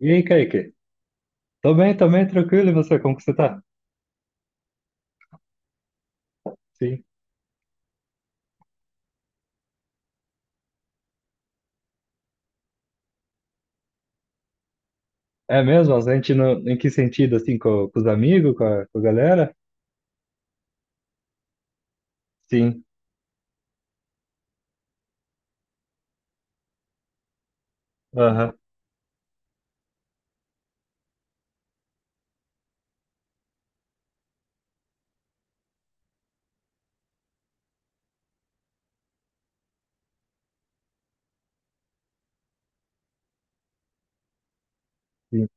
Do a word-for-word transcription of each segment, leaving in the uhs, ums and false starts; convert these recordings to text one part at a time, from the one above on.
E aí, Kaique? Tô bem, tô bem, tranquilo. E você, como que você tá? Sim. É mesmo? A gente não, em que sentido, assim, com, com os amigos, com a, com a galera? Sim. Aham. Sim.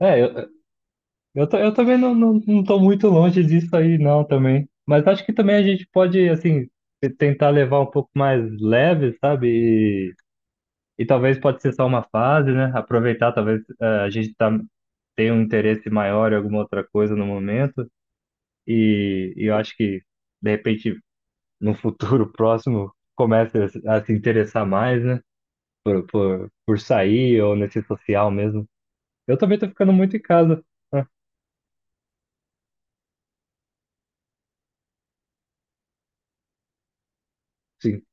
É, eu, eu, tô- eu também não, não, não tô muito longe disso aí, não, também. Mas acho que também a gente pode, assim, te- tentar levar um pouco mais leve, sabe? E, e talvez pode ser só uma fase, né? Aproveitar, talvez eh, a gente tá, tenha um interesse maior em alguma outra coisa no momento. E, e eu acho que, de repente, no futuro próximo comece a se interessar mais, né? Por, por, por sair ou nesse social mesmo. Eu também tô ficando muito em casa. Ah, sim,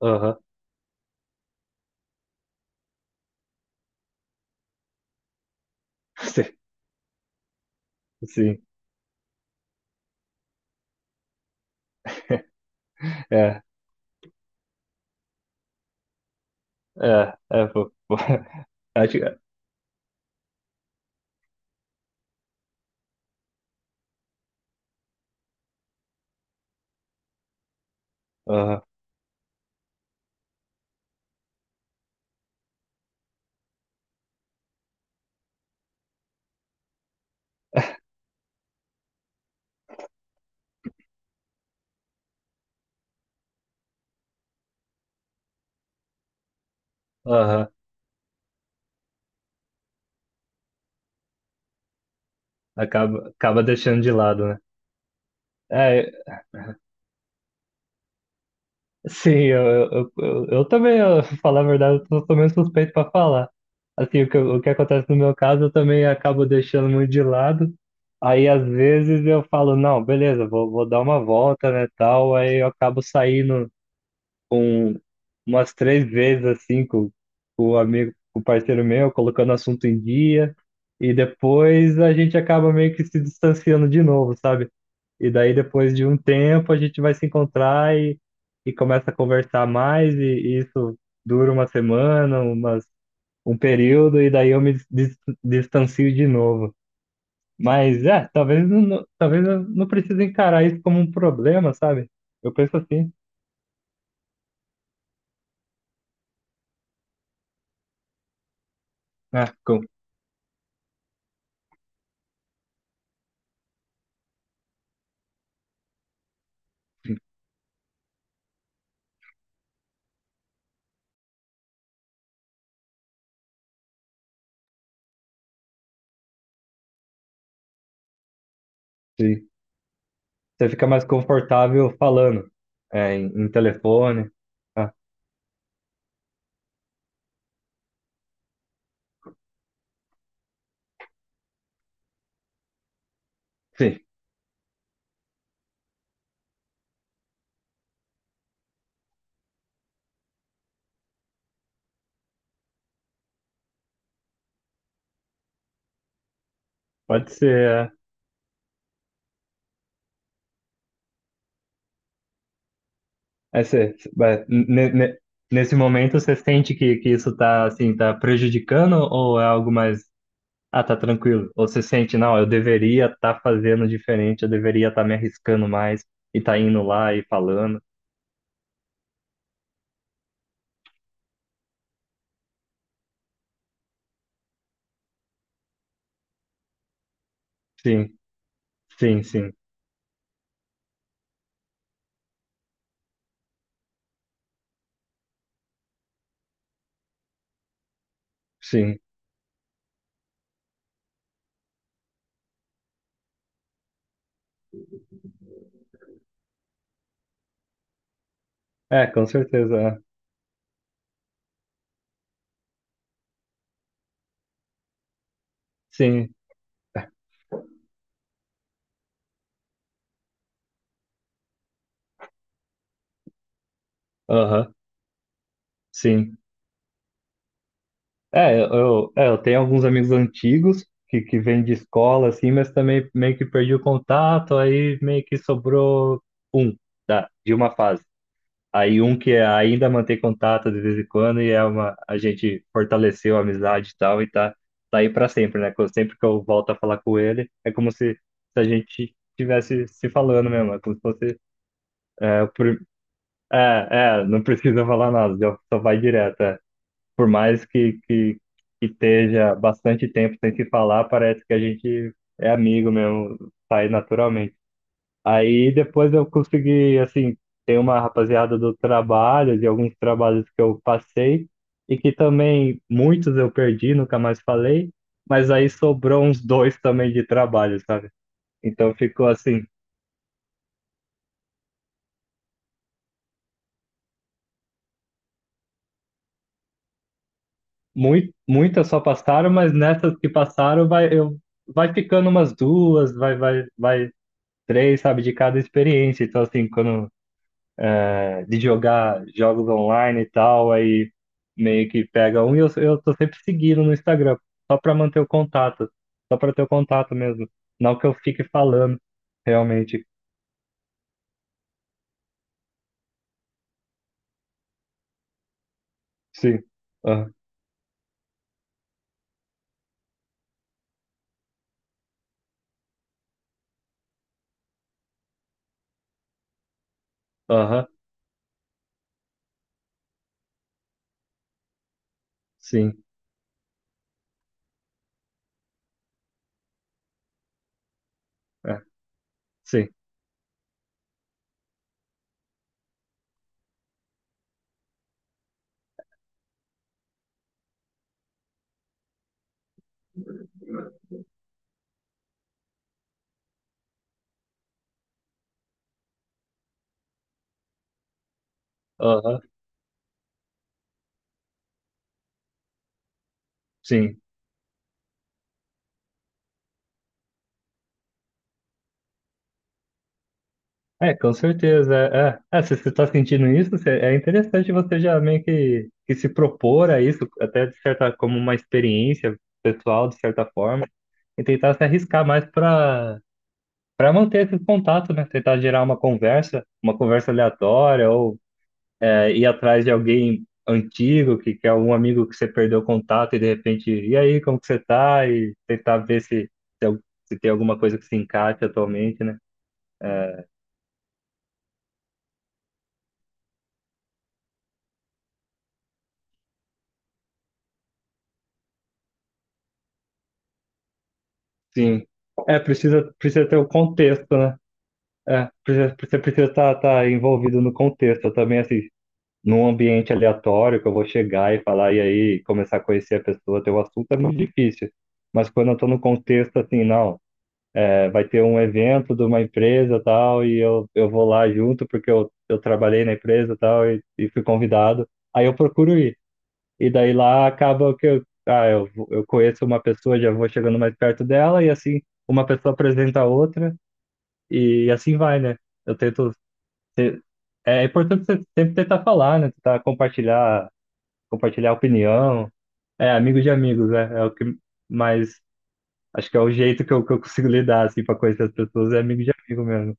aham. Sim, sim, é, é, é, pô, pô. Acho que, aham, aham, acaba, acaba deixando de lado, né? É, sim, eu, eu, eu, eu também, eu, pra falar a verdade, eu sou sou meio suspeito para falar. Assim, o que, eu- o que acontece no meu caso, eu também acabo deixando muito de lado. Aí, às vezes, eu falo, não, beleza, vou, vou dar uma volta, né, tal. Aí eu acabo saindo com umas três vezes assim com, com o amigo, com o parceiro meu, colocando assunto em dia, e depois a gente acaba meio que se distanciando de novo, sabe? E daí depois de um tempo a gente vai se encontrar e, e começa a conversar mais, e, e isso dura uma semana, umas, um período, e daí eu me dis- distancio de novo. Mas é, talvez eu não, talvez eu não precise encarar isso como um problema, sabe? Eu penso assim. Ah, com, sim. Você fica mais confortável falando, é, em, em telefone. Ah, sim, pode ser. É, é, você- mas ne- ne- nesse momento, você sente que, que isso tá, assim, tá prejudicando ou é algo mais. Ah, tá tranquilo. Ou você sente, não, eu deveria estar fazendo diferente, eu deveria estar me arriscando mais e tá indo lá e falando. Sim, sim, sim, sim. É, com certeza. É. Sim, aham, sim. É, eu, eu- é, eu tenho alguns amigos antigos que, que vêm de escola, assim, mas também meio que perdi o contato, aí meio que sobrou um da, de uma fase. Aí um que é, ainda mantém contato de vez em quando e é uma, a gente fortaleceu a amizade e tal, e tá, tá aí pra sempre, né? Quando- Sempre que eu volto a falar com ele, é como se, se, a gente estivesse se falando mesmo, é como se fosse. É, o prim- é, é, não precisa falar nada, já só vai direto. É, por mais que, que, que esteja bastante tempo sem se falar, parece que a gente é amigo mesmo, sai naturalmente. Aí depois eu consegui, assim, tem uma rapaziada do trabalho, de alguns trabalhos que eu passei, e que também muitos eu perdi, nunca mais falei, mas aí sobrou uns dois também de trabalho, sabe? Então ficou assim, muito, muitas só passaram, mas nessas que passaram vai, eu, vai ficando umas duas, vai, vai, vai três, sabe, de cada experiência. Então, assim, quando é, de jogar jogos online e tal, aí meio que pega um e eu, eu tô sempre seguindo no Instagram, só pra manter o contato, só pra ter o contato mesmo. Não que eu fique falando, realmente. Sim. Aham, aham, sim. É, sim. Aham, sim. É, com certeza. É, é. É, se você está sentindo isso, você- é interessante você já meio que, que se propor a isso, até de certa, como uma experiência pessoal, de certa forma. E tentar se arriscar mais para para manter esse contato, né? Tentar gerar uma conversa, uma conversa aleatória, ou é, ir atrás de alguém antigo, que, que é algum amigo que você perdeu o contato e de repente, e aí, como que você tá? E tentar ver se, se, al- se tem alguma coisa que se encaixe atualmente, né? Sim. É, precisa, precisa ter o contexto, né? É, precisa, você precisa estar tá, tá envolvido no contexto. Eu também, assim, num ambiente aleatório que eu vou chegar e falar e aí começar a conhecer a pessoa, ter o assunto é muito difícil. Mas quando eu estou no contexto assim, não, é, vai ter um evento de uma empresa tal e eu, eu vou lá junto porque eu, eu trabalhei na empresa tal e, e fui convidado, aí eu procuro ir. E daí lá acaba que eu, ah, eu, eu conheço uma pessoa, já vou chegando mais perto dela e assim uma pessoa apresenta a outra e assim vai, né? Eu tento ser- é importante você sempre tentar falar, né? Tentar compartilhar compartilhar opinião. É, amigo de amigos, né? É o que mais. Acho que é o jeito que eu, que eu consigo lidar, assim, pra conhecer as pessoas, é amigo de amigo mesmo.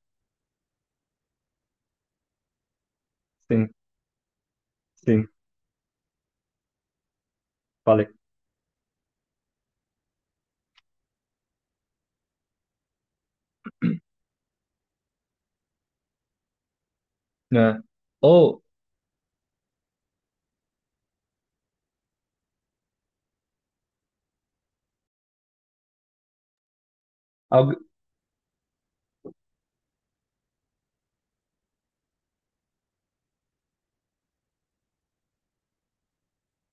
Sim, sim, falei. É. Ou, algo,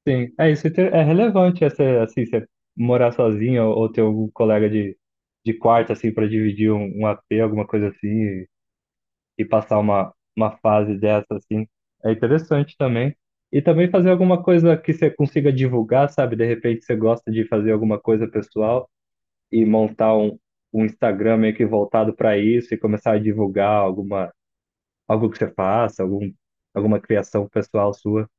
sim, é isso, é ter- é relevante essa, assim, você morar sozinho ou, ou ter algum colega de, de quarto, assim, pra dividir um, um A P, alguma coisa assim, e, e passar uma, uma fase dessa, assim. É interessante também. E também fazer alguma coisa que você consiga divulgar, sabe? De repente você gosta de fazer alguma coisa pessoal e montar um, um Instagram meio que voltado para isso e começar a divulgar alguma, algo que você faça, algum, alguma criação pessoal sua.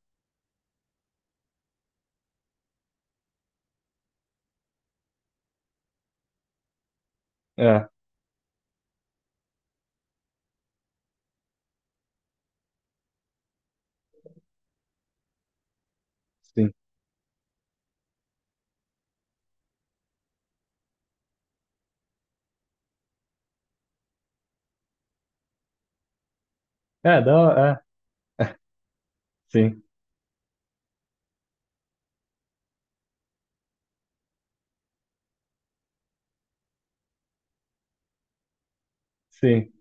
É, sim. É, dá, é, sim, sim.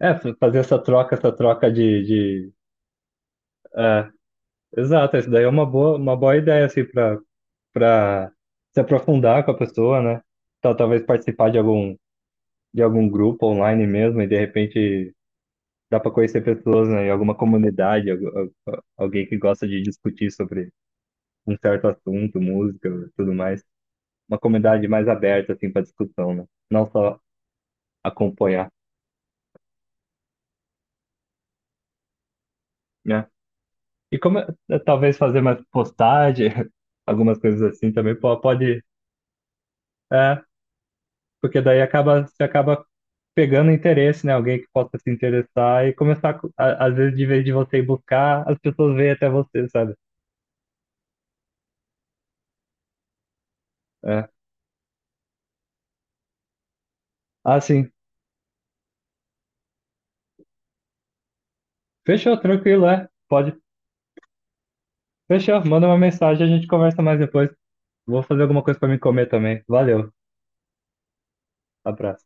É, f- fazer essa troca, essa troca de, de, é, exato, isso daí é uma boa, uma boa ideia, assim, para para se aprofundar com a pessoa, né? Tal- talvez participar de algum, de algum grupo online mesmo e de repente dá para conhecer pessoas, né, em alguma comunidade, algu- al- alguém que gosta de discutir sobre um certo assunto, música, tudo mais. Uma comunidade mais aberta, assim, para discussão, né? Não só acompanhar, né? E como eh, talvez fazer mais postagem, algumas coisas assim também po- pode, é, porque daí acaba, você acaba pegando interesse, né? Alguém que possa se interessar e começar, a co- a- às vezes, de vez de você ir buscar, as pessoas vêm até você, sabe? É. Ah, sim. Fechou, tranquilo, é. Pode. Fechou, manda uma mensagem, a gente conversa mais depois. Vou fazer alguma coisa para me comer também. Valeu, abraço.